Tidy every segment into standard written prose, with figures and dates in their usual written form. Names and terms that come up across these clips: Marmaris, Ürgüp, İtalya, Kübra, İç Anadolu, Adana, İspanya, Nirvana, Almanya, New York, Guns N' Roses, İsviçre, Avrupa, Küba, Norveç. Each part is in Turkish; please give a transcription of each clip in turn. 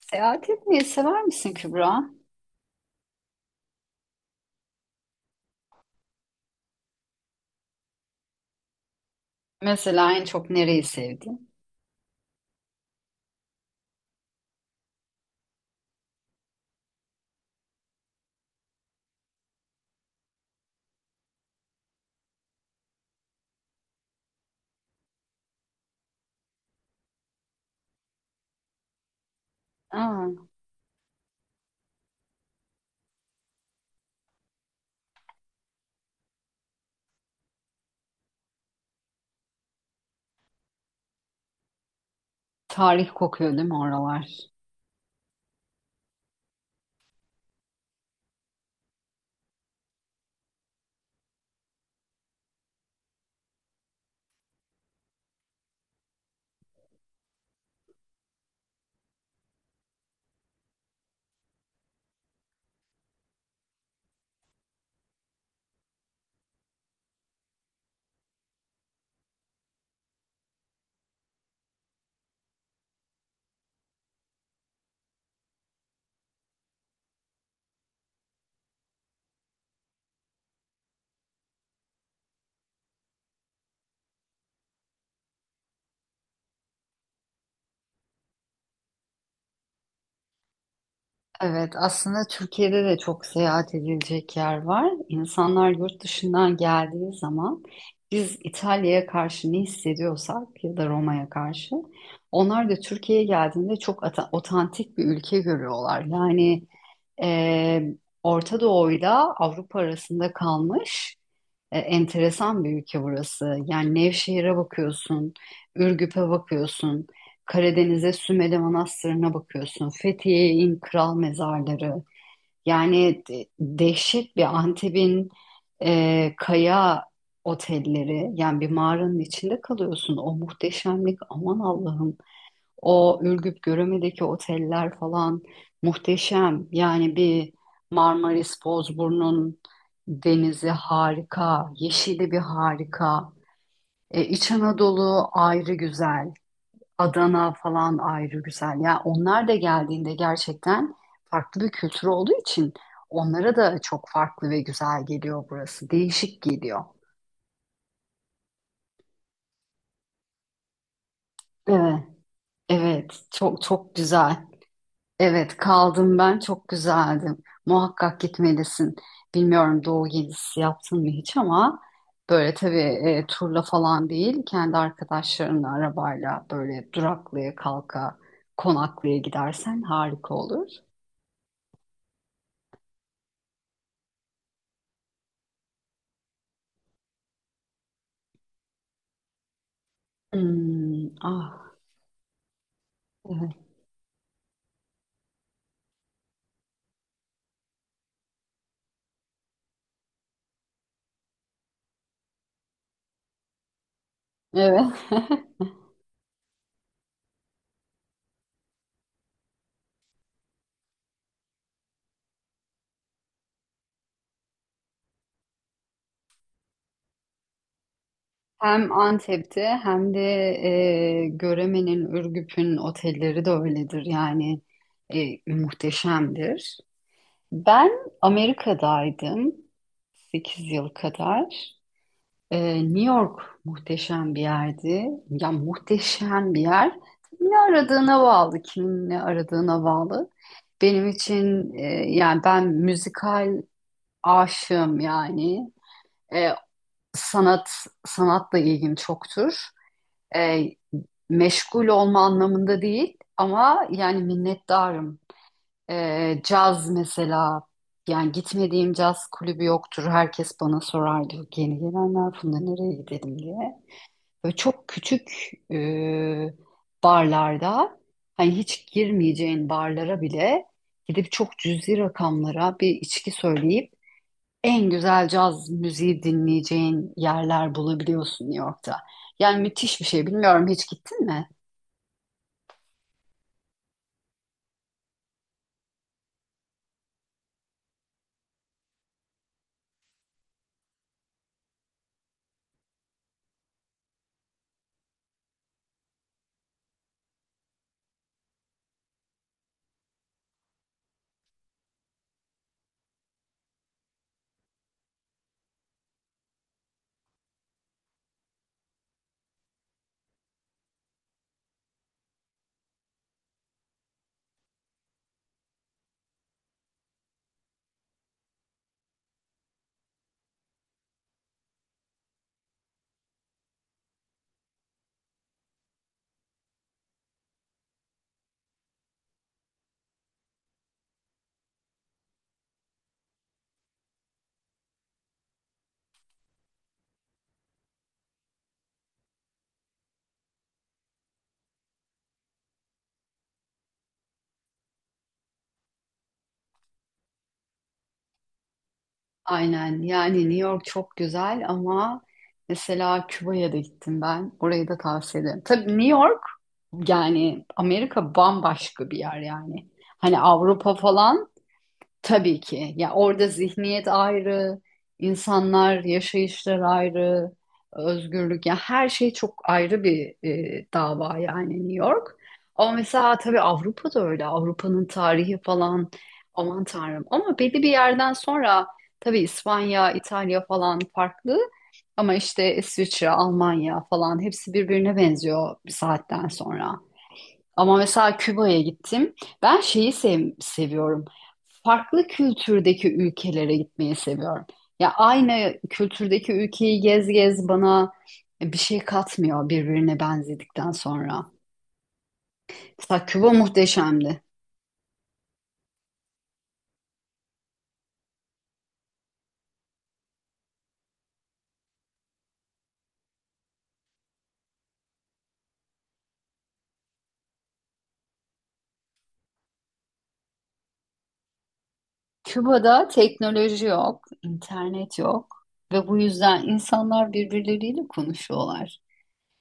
Seyahat etmeyi sever misin, Kübra? Mesela en çok nereyi sevdin? Aa, tarih kokuyor değil mi oralar? Evet, aslında Türkiye'de de çok seyahat edilecek yer var. İnsanlar yurt dışından geldiği zaman biz İtalya'ya karşı ne hissediyorsak ya da Roma'ya karşı onlar da Türkiye'ye geldiğinde çok otantik bir ülke görüyorlar. Yani e, Orta Doğu'yla Avrupa arasında kalmış enteresan bir ülke burası. Yani Nevşehir'e bakıyorsun, Ürgüp'e bakıyorsun, Karadeniz'e Sümele Manastırı'na bakıyorsun, Fethiye'in kral mezarları. Yani dehşet bir Antep'in kaya otelleri. Yani bir mağaranın içinde kalıyorsun. O muhteşemlik, aman Allah'ım. O Ürgüp Göreme'deki oteller falan muhteşem. Yani bir Marmaris Bozburun'un denizi harika, yeşili bir harika. İç Anadolu ayrı güzel, Adana falan ayrı güzel. Yani onlar da geldiğinde gerçekten farklı bir kültür olduğu için onlara da çok farklı ve güzel geliyor burası. Değişik geliyor. Evet, evet, çok çok güzel. Evet, kaldım ben, çok güzeldi. Muhakkak gitmelisin. Bilmiyorum Doğu gezisi yaptın mı hiç ama böyle tabii turla falan değil, kendi arkadaşlarınla arabayla böyle duraklaya kalka konaklaya gidersen harika olur. Hmm, ah, evet. Evet. Hem Antep'te hem de Göreme'nin, Ürgüp'ün otelleri de öyledir. Yani muhteşemdir. Ben Amerika'daydım, 8 yıl kadar. New York muhteşem bir yerdi. Ya muhteşem bir yer. Ne aradığına bağlı, kimin ne aradığına bağlı. Benim için yani ben müzikal aşığım yani. E, sanat, sanatla ilgim çoktur. E, meşgul olma anlamında değil ama yani minnettarım, caz mesela, yani gitmediğim caz kulübü yoktur. Herkes bana sorardı, yeni gelenler, Funda nereye gidelim diye. Böyle çok küçük e, barlarda, hani hiç girmeyeceğin barlara bile gidip çok cüzi rakamlara bir içki söyleyip en güzel caz müziği dinleyeceğin yerler bulabiliyorsun New York'ta. Yani müthiş bir şey. Bilmiyorum, hiç gittin mi? Aynen, yani New York çok güzel ama mesela Küba'ya da gittim ben. Orayı da tavsiye ederim. Tabii New York, yani Amerika bambaşka bir yer yani. Hani Avrupa falan, tabii ki. Ya orada zihniyet ayrı, insanlar, yaşayışlar ayrı, özgürlük, ya her şey çok ayrı bir dava, yani New York. Ama mesela tabii Avrupa da öyle. Avrupa'nın tarihi falan, aman tanrım. Ama belli bir yerden sonra tabii İspanya, İtalya falan farklı. Ama işte İsviçre, Almanya falan hepsi birbirine benziyor bir saatten sonra. Ama mesela Küba'ya gittim. Ben şeyi seviyorum. Farklı kültürdeki ülkelere gitmeyi seviyorum. Ya aynı kültürdeki ülkeyi gez gez bana bir şey katmıyor birbirine benzedikten sonra. Mesela Küba muhteşemdi. Küba'da teknoloji yok, internet yok ve bu yüzden insanlar birbirleriyle konuşuyorlar.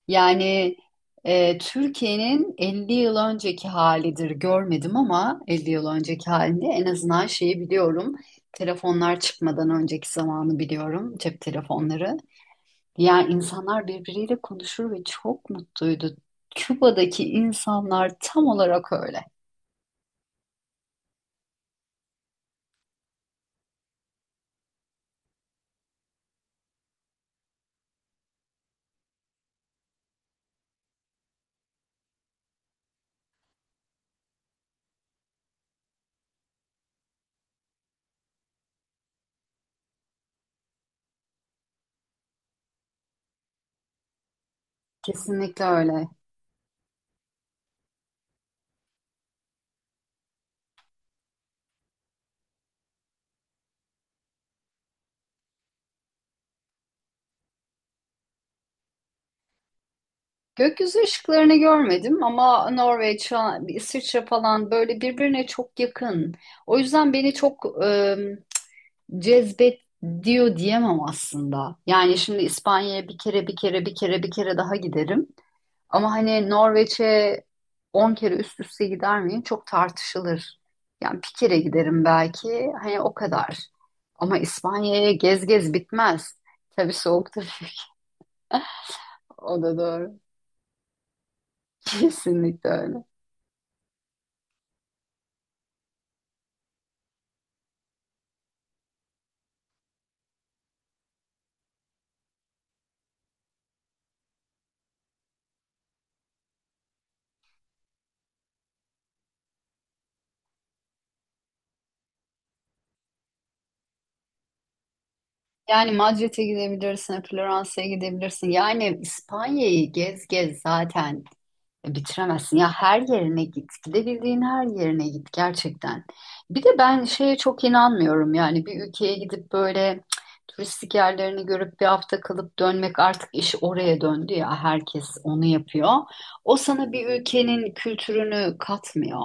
Yani Türkiye'nin 50 yıl önceki halidir, görmedim ama 50 yıl önceki halinde en azından şeyi biliyorum. Telefonlar çıkmadan önceki zamanı biliyorum, cep telefonları. Yani insanlar birbiriyle konuşur ve çok mutluydu. Küba'daki insanlar tam olarak öyle. Kesinlikle öyle. Gökyüzü ışıklarını görmedim ama Norveç, İsviçre falan böyle birbirine çok yakın. O yüzden beni çok e, cezbet diyor diyemem aslında. Yani şimdi İspanya'ya bir kere bir kere bir kere bir kere daha giderim. Ama hani Norveç'e 10 kere üst üste gider miyim? Çok tartışılır. Yani bir kere giderim belki. Hani o kadar. Ama İspanya'ya gez gez bitmez. Tabii soğuktur tabii. O da doğru. Kesinlikle öyle. Yani Madrid'e gidebilirsin, Floransa'ya gidebilirsin. Yani İspanya'yı gez gez zaten bitiremezsin ya, her yerine git, gidebildiğin her yerine git gerçekten. Bir de ben şeye çok inanmıyorum, yani bir ülkeye gidip böyle, cık, turistik yerlerini görüp bir hafta kalıp dönmek, artık iş oraya döndü ya, herkes onu yapıyor. O sana bir ülkenin kültürünü katmıyor.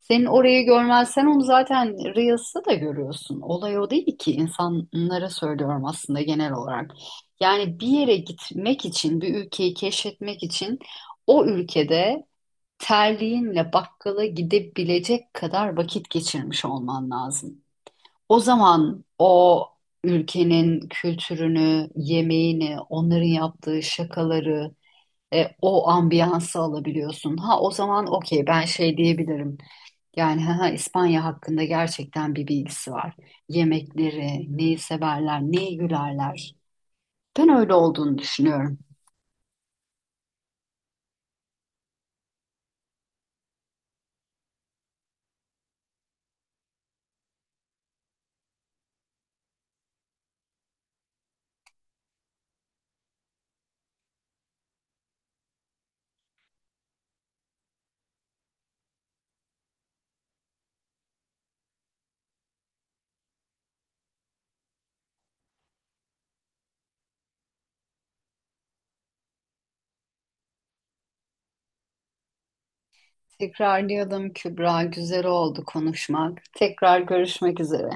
Senin orayı görmezsen onu zaten Reels'ta da görüyorsun. Olay o değil ki, insanlara söylüyorum aslında genel olarak. Yani bir yere gitmek için, bir ülkeyi keşfetmek için o ülkede terliğinle bakkala gidebilecek kadar vakit geçirmiş olman lazım. O zaman o ülkenin kültürünü, yemeğini, onların yaptığı şakaları, o ambiyansı alabiliyorsun. Ha, o zaman okey, ben şey diyebilirim. Yani ha, ha, İspanya hakkında gerçekten bir bilgisi var. Yemekleri, neyi severler, neyi gülerler. Ben öyle olduğunu düşünüyorum. Tekrarlayalım, Kübra. Güzel oldu konuşmak. Tekrar görüşmek üzere.